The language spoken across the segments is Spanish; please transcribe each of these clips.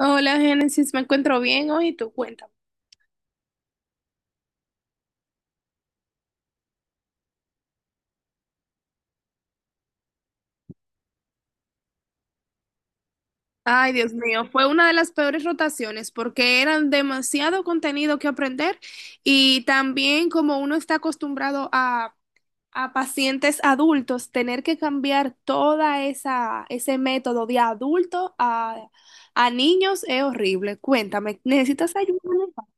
Hola, Génesis, me encuentro bien hoy y tú cuéntame. Ay, Dios mío, fue una de las peores rotaciones porque eran demasiado contenido que aprender y también como uno está acostumbrado a, pacientes adultos, tener que cambiar toda esa ese método de adulto a niños es horrible. Cuéntame, ¿necesitas ayuda de mi parte?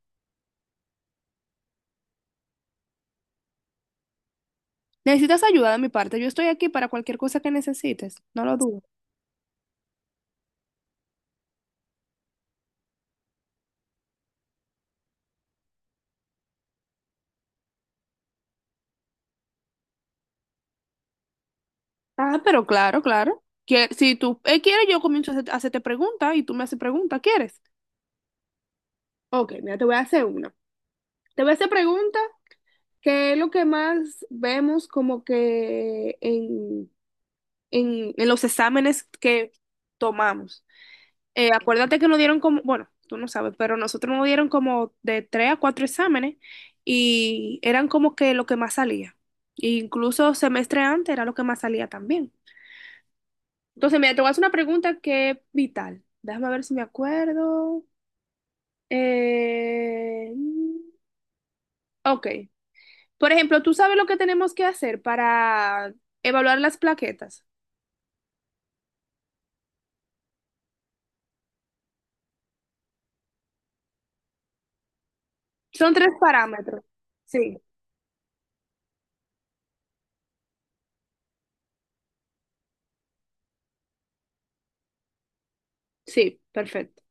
¿Necesitas ayuda de mi parte? Yo estoy aquí para cualquier cosa que necesites, no lo dudes. Ah, pero claro, claro. Que, si tú quieres, yo comienzo a hacerte preguntas y tú me haces preguntas, ¿quieres? Ok, mira, te voy a hacer una. Te voy a hacer pregunta, que es lo que más vemos como que en, en los exámenes que tomamos. Acuérdate que nos dieron como, bueno, tú no sabes, pero nosotros nos dieron como de tres a cuatro exámenes y eran como que lo que más salía. E incluso semestre antes era lo que más salía también. Entonces, mira, te voy a hacer una pregunta que es vital. Déjame ver si me acuerdo. Eh, ok. Por ejemplo, ¿tú sabes lo que tenemos que hacer para evaluar las plaquetas? Son tres parámetros. Sí. Sí, perfecto.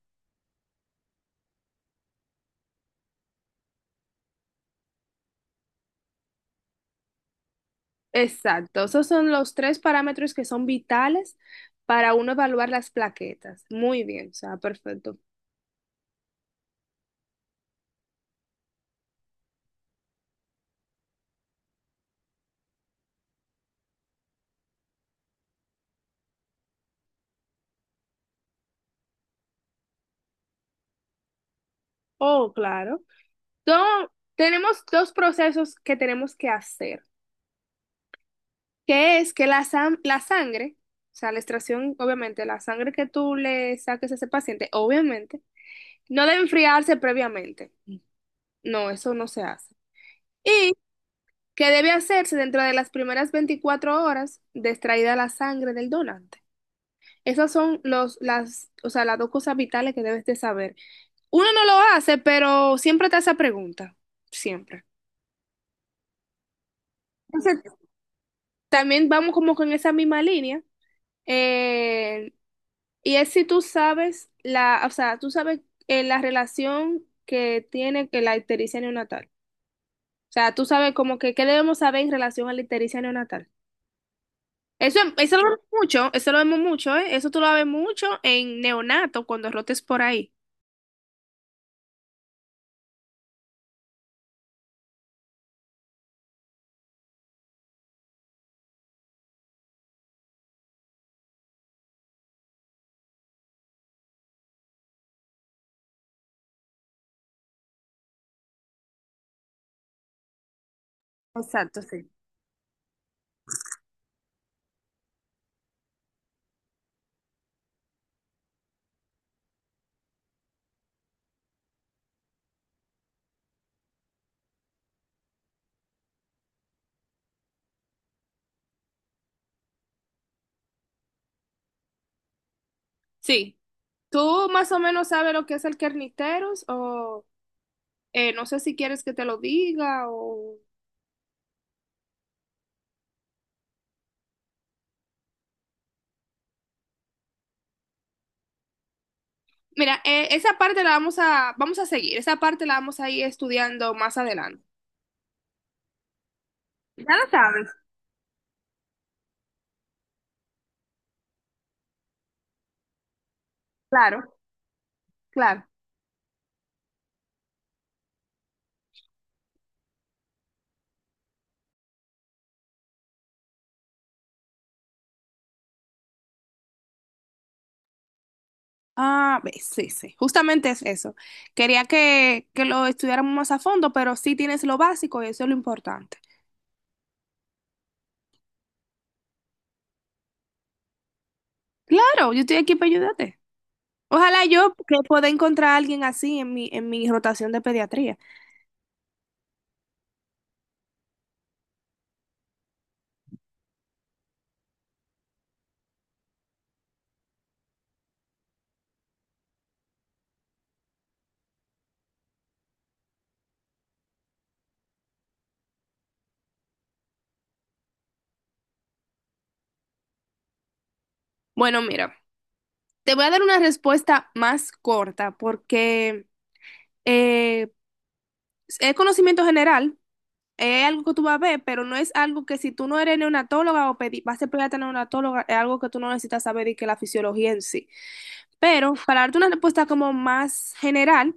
Exacto. Esos son los tres parámetros que son vitales para uno evaluar las plaquetas. Muy bien, o sea, perfecto. Oh, claro. Entonces, tenemos dos procesos que tenemos que hacer. Que es que la sangre, o sea, la extracción, obviamente, la sangre que tú le saques a ese paciente, obviamente, no debe enfriarse previamente. No, eso no se hace. Y que debe hacerse dentro de las primeras 24 horas de extraída la sangre del donante. Esas son los, las, o sea, las dos cosas vitales que debes de saber. Uno no lo hace, pero siempre te hace esa pregunta, siempre. Entonces, también vamos como con esa misma línea. eh, Y es si tú sabes la, o sea, tú sabes la relación que tiene que la ictericia neonatal. O sea, tú sabes como que qué debemos saber en relación a la ictericia neonatal. Eso lo vemos mucho, eso lo vemos mucho, ¿eh? Eso tú lo ves mucho en neonato cuando rotes por ahí. Exacto, sí. Sí. ¿Tú más o menos sabes lo que es el Kernicterus? O no sé si quieres que te lo diga o. Mira, esa parte la vamos a seguir, esa parte la vamos a ir estudiando más adelante. Ya lo sabes. Claro, claro. Ah, ve, sí, sí, justamente es eso. Quería que lo estudiáramos más a fondo, pero sí tienes lo básico y eso es lo importante. Claro, yo estoy aquí para ayudarte. Ojalá yo que pueda encontrar a alguien así en mi rotación de pediatría. Bueno, mira, te voy a dar una respuesta más corta porque eh, es conocimiento general, es algo que tú vas a ver, pero no es algo que si tú no eres neonatóloga o pedi vas a ser pediatra neonatóloga, es algo que tú no necesitas saber y que la fisiología en sí. Pero para darte una respuesta como más general,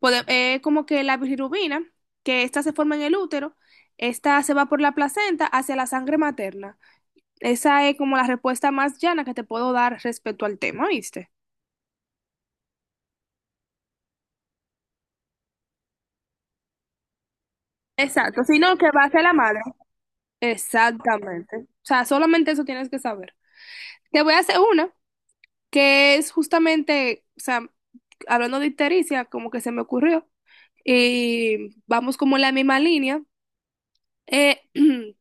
como que la bilirrubina, que esta se forma en el útero, esta se va por la placenta hacia la sangre materna. Esa es como la respuesta más llana que te puedo dar respecto al tema, ¿viste? Exacto, sino que va hacia la madre. Exactamente. O sea, solamente eso tienes que saber. Te voy a hacer una que es justamente, o sea, hablando de ictericia, como que se me ocurrió, y vamos como en la misma línea. Eh,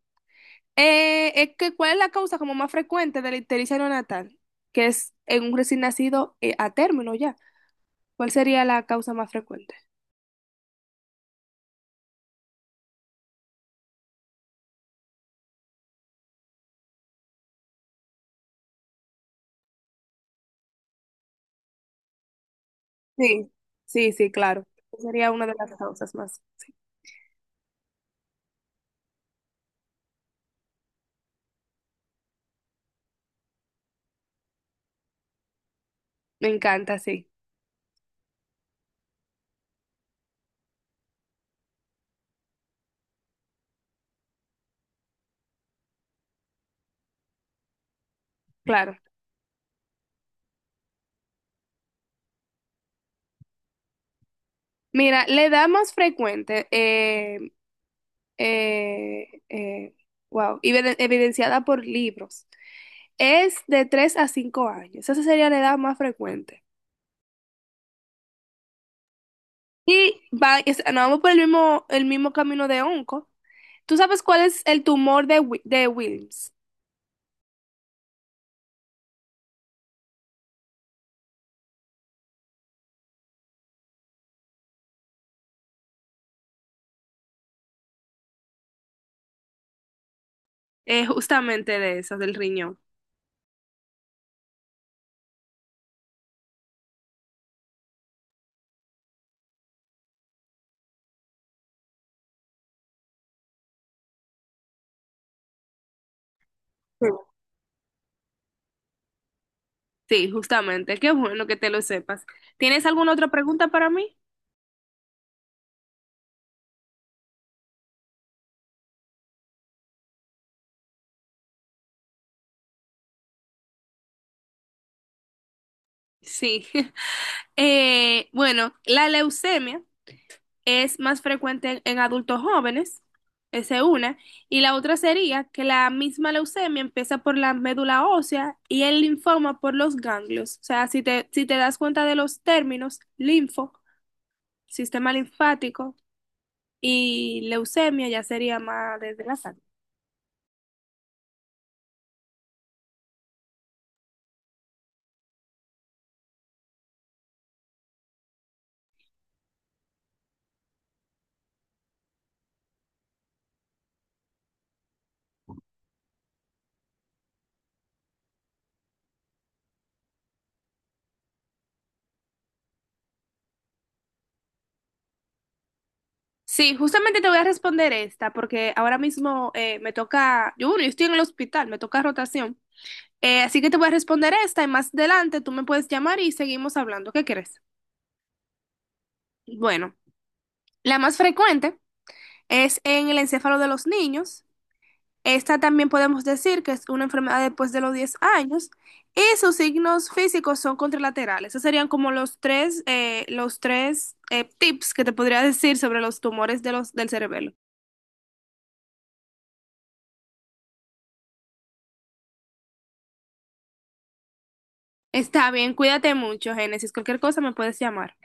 es que, ¿cuál es la causa como más frecuente de la ictericia neonatal? Que es en un recién nacido a término ya. ¿Cuál sería la causa más frecuente? Sí, sí, sí, claro. Esa sería una de las causas más. Me encanta, sí, claro. Mira, la edad más frecuente, eh, eh, wow, y evidenciada por libros, es de 3 a 5 años. Esa sería la edad más frecuente. No, vamos por el mismo, camino de onco. ¿Tú sabes cuál es el tumor de Wilms? Justamente de esas, del riñón. Sí. Sí, justamente. Qué bueno que te lo sepas. ¿Tienes alguna otra pregunta para mí? Sí. Bueno, la leucemia. Es más frecuente en adultos jóvenes, esa es una, y la otra sería que la misma leucemia empieza por la médula ósea y el linfoma por los ganglios. O sea, si te das cuenta de los términos, linfo, sistema linfático y leucemia ya sería más desde la sangre. Sí, justamente te voy a responder esta, porque ahora mismo me toca, yo, bueno, yo estoy en el hospital, me toca rotación. Así que te voy a responder esta y más adelante tú me puedes llamar y seguimos hablando. ¿Qué crees? Bueno. La más frecuente es en el encéfalo de los niños. Esta también podemos decir que es una enfermedad después de los 10 años y sus signos físicos son contralaterales. Esos serían como los tres tips que te podría decir sobre los tumores del cerebelo. Está bien, cuídate mucho, Génesis. Cualquier cosa me puedes llamar.